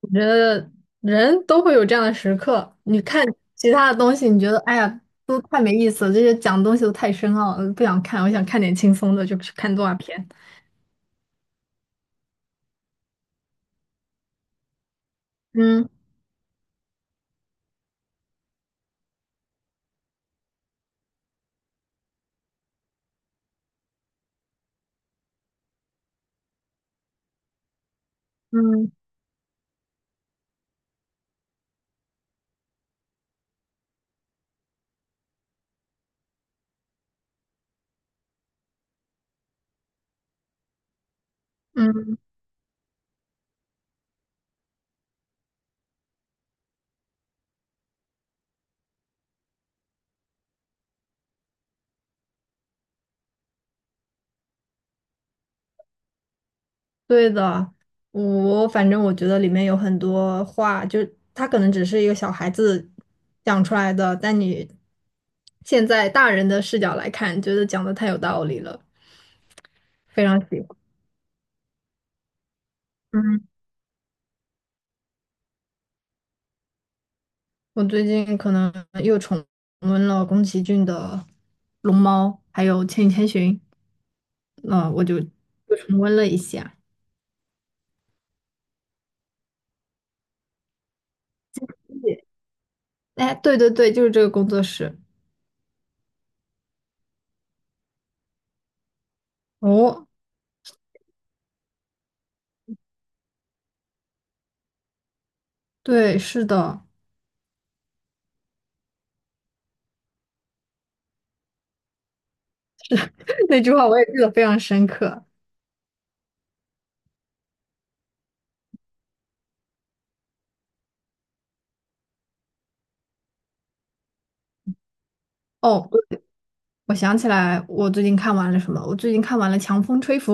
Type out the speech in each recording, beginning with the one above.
我觉得人都会有这样的时刻。你看其他的东西，你觉得哎呀，都太没意思了，这些讲的东西都太深奥了，不想看。我想看点轻松的，就去看动画片。嗯嗯嗯，对的。我反正我觉得里面有很多话，就是他可能只是一个小孩子讲出来的，但你现在大人的视角来看，觉得讲的太有道理了，非常喜欢。嗯。我最近可能又重温了宫崎骏的《龙猫》，还有《千与千寻》，嗯，我就又重温了一下。哎，对对对，就是这个工作室。哦，对，是的，那句话我也记得非常深刻。哦，我想起来，我最近看完了什么？我最近看完了《强风吹拂》。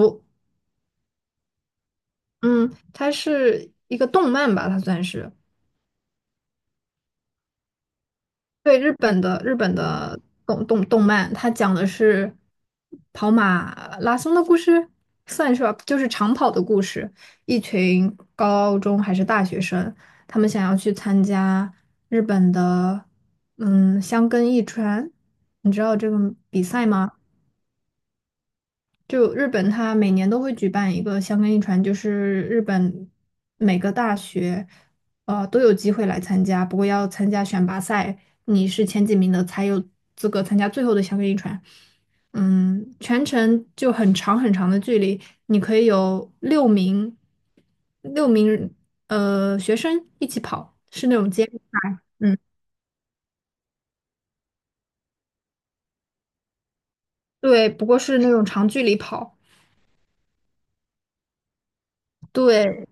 嗯，它是一个动漫吧，它算是。对，日本的动漫，它讲的是跑马拉松的故事，算是吧，就是长跑的故事。一群高中还是大学生，他们想要去参加日本的箱根驿传，你知道这个比赛吗？就日本，它每年都会举办一个香根一传，就是日本每个大学，都有机会来参加，不过要参加选拔赛，你是前几名的才有资格参加最后的香根一传。全程就很长很长的距离，你可以有六名学生一起跑，是那种接力赛。嗯，对，不过是那种长距离跑，对，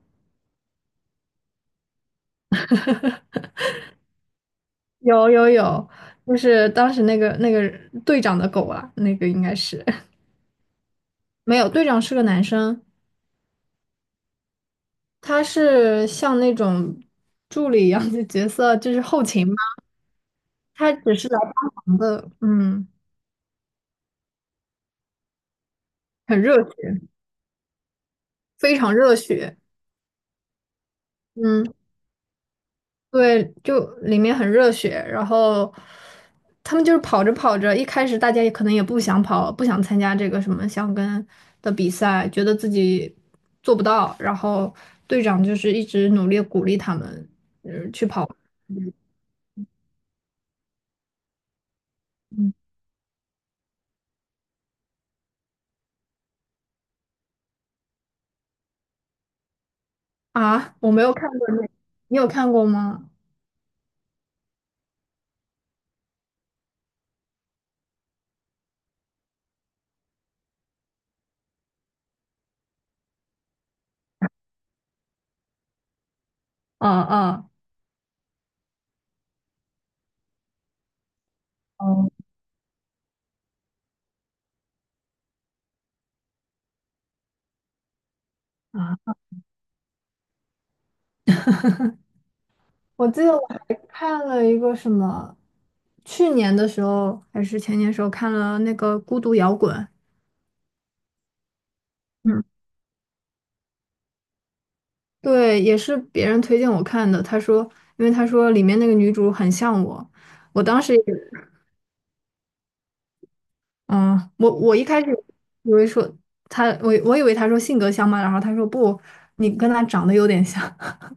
有有有，就是当时那个队长的狗啊，那个应该是 没有，队长是个男生，他是像那种助理一样的角色，就是后勤嘛，他只是来帮忙的，嗯，很热血，非常热血，嗯，对，就里面很热血，然后他们就是跑着跑着，一开始大家也可能也不想跑，不想参加这个什么箱跟的比赛，觉得自己做不到，然后队长就是一直努力鼓励他们。嗯啊，我没有看过那，你有看过吗？嗯嗯嗯，我记得我还看了一个什么，去年的时候还是前年的时候看了那个《孤独摇滚》。嗯，对，也是别人推荐我看的。他说，因为他说里面那个女主很像我，我当时也嗯，我一开始以为说他，我以为他说性格像嘛，然后他说不，你跟他长得有点像。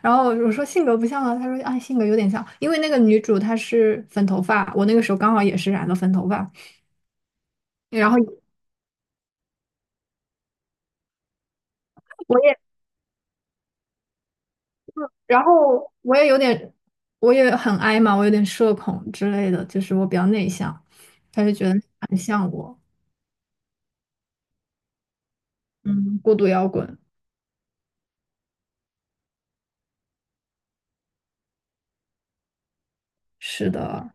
然后我说性格不像啊，他说啊性格有点像，因为那个女主她是粉头发，我那个时候刚好也是染了粉头发，然后我也，然后我也有点，我也很矮嘛，我有点社恐之类的，就是我比较内向，他就觉得很像我。嗯，孤独摇滚，是的，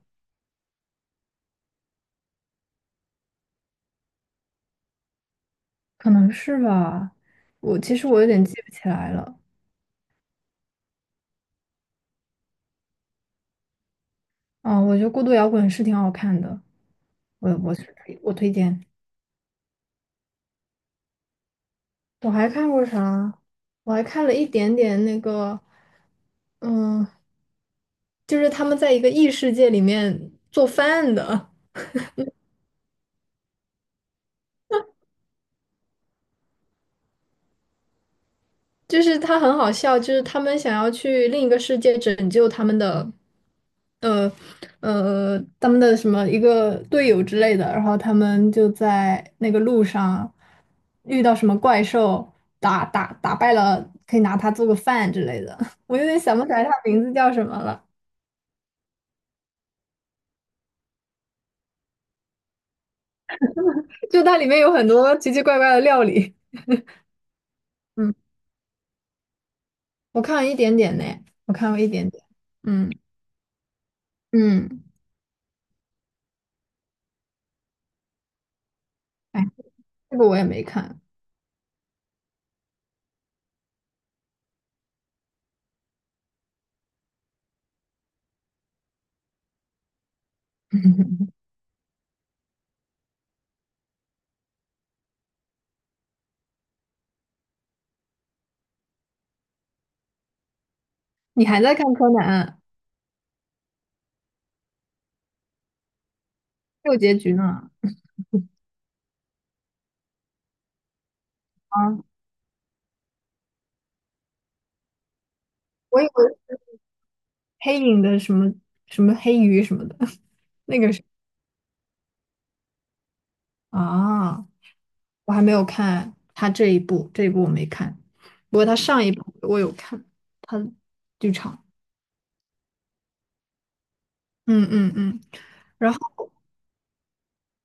可能是吧。我其实我有点记不起来了。啊，我觉得孤独摇滚是挺好看的，我是推我推荐。我还看过啥？我还看了一点点那个，嗯，就是他们在一个异世界里面做饭的，就是他很好笑，就是他们想要去另一个世界拯救他们的，呃他们的什么一个队友之类的，然后他们就在那个路上遇到什么怪兽，打败了，可以拿它做个饭之类的。我有点想不起来它名字叫什么了，就它里面有很多奇奇怪怪的料理。嗯，我看了一点点呢，我看了一点点。嗯嗯，哎，这个我也没看，你还在看柯南啊还有结局呢？啊，我以为黑影的什么什么黑鱼什么的，那个是啊，我还没有看他这一部，这一部我没看，不过他上一部我有看，他的剧场，嗯嗯嗯，然后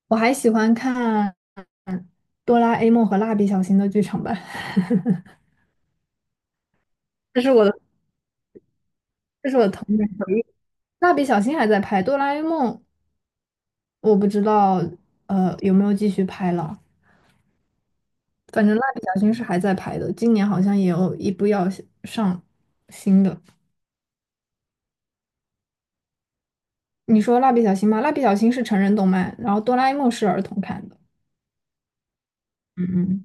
我还喜欢看《哆啦 A 梦》和《蜡笔小新》的剧场版，这是我的，这是我的童年回忆。蜡笔小新还在拍，哆啦 A 梦我不知道有没有继续拍了。反正蜡笔小新是还在拍的，今年好像也有一部要上新的。你说蜡笔小新吗？蜡笔小新是成人动漫，然后哆啦 A 梦是儿童看的。嗯嗯，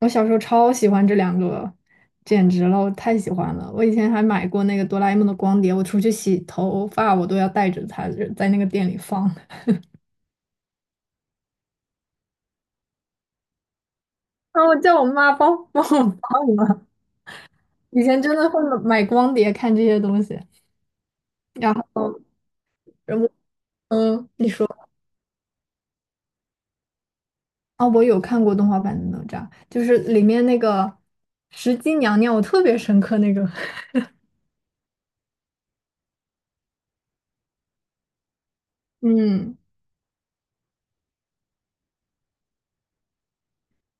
我小时候超喜欢这两个，简直了，我太喜欢了。我以前还买过那个哆啦 A 梦的光碟，我出去洗头发我都要带着它，在那个店里放。然后我叫我妈帮帮我放了。以前真的会买光碟看这些东西，然后我你说。哦，我有看过动画版的哪吒，就是里面那个石矶娘娘，我特别深刻那个。嗯，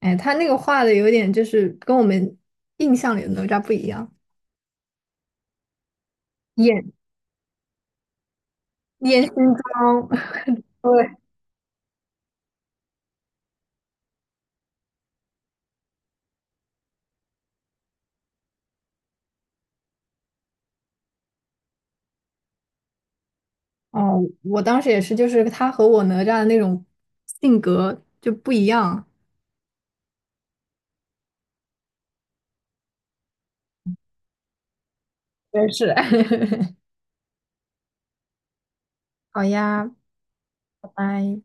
哎，他那个画的有点就是跟我们印象里的哪吒不一样，演演新装。对，哦，我当时也是，就是他和我哪吒的那种性格就不一样。也是。好呀，拜拜。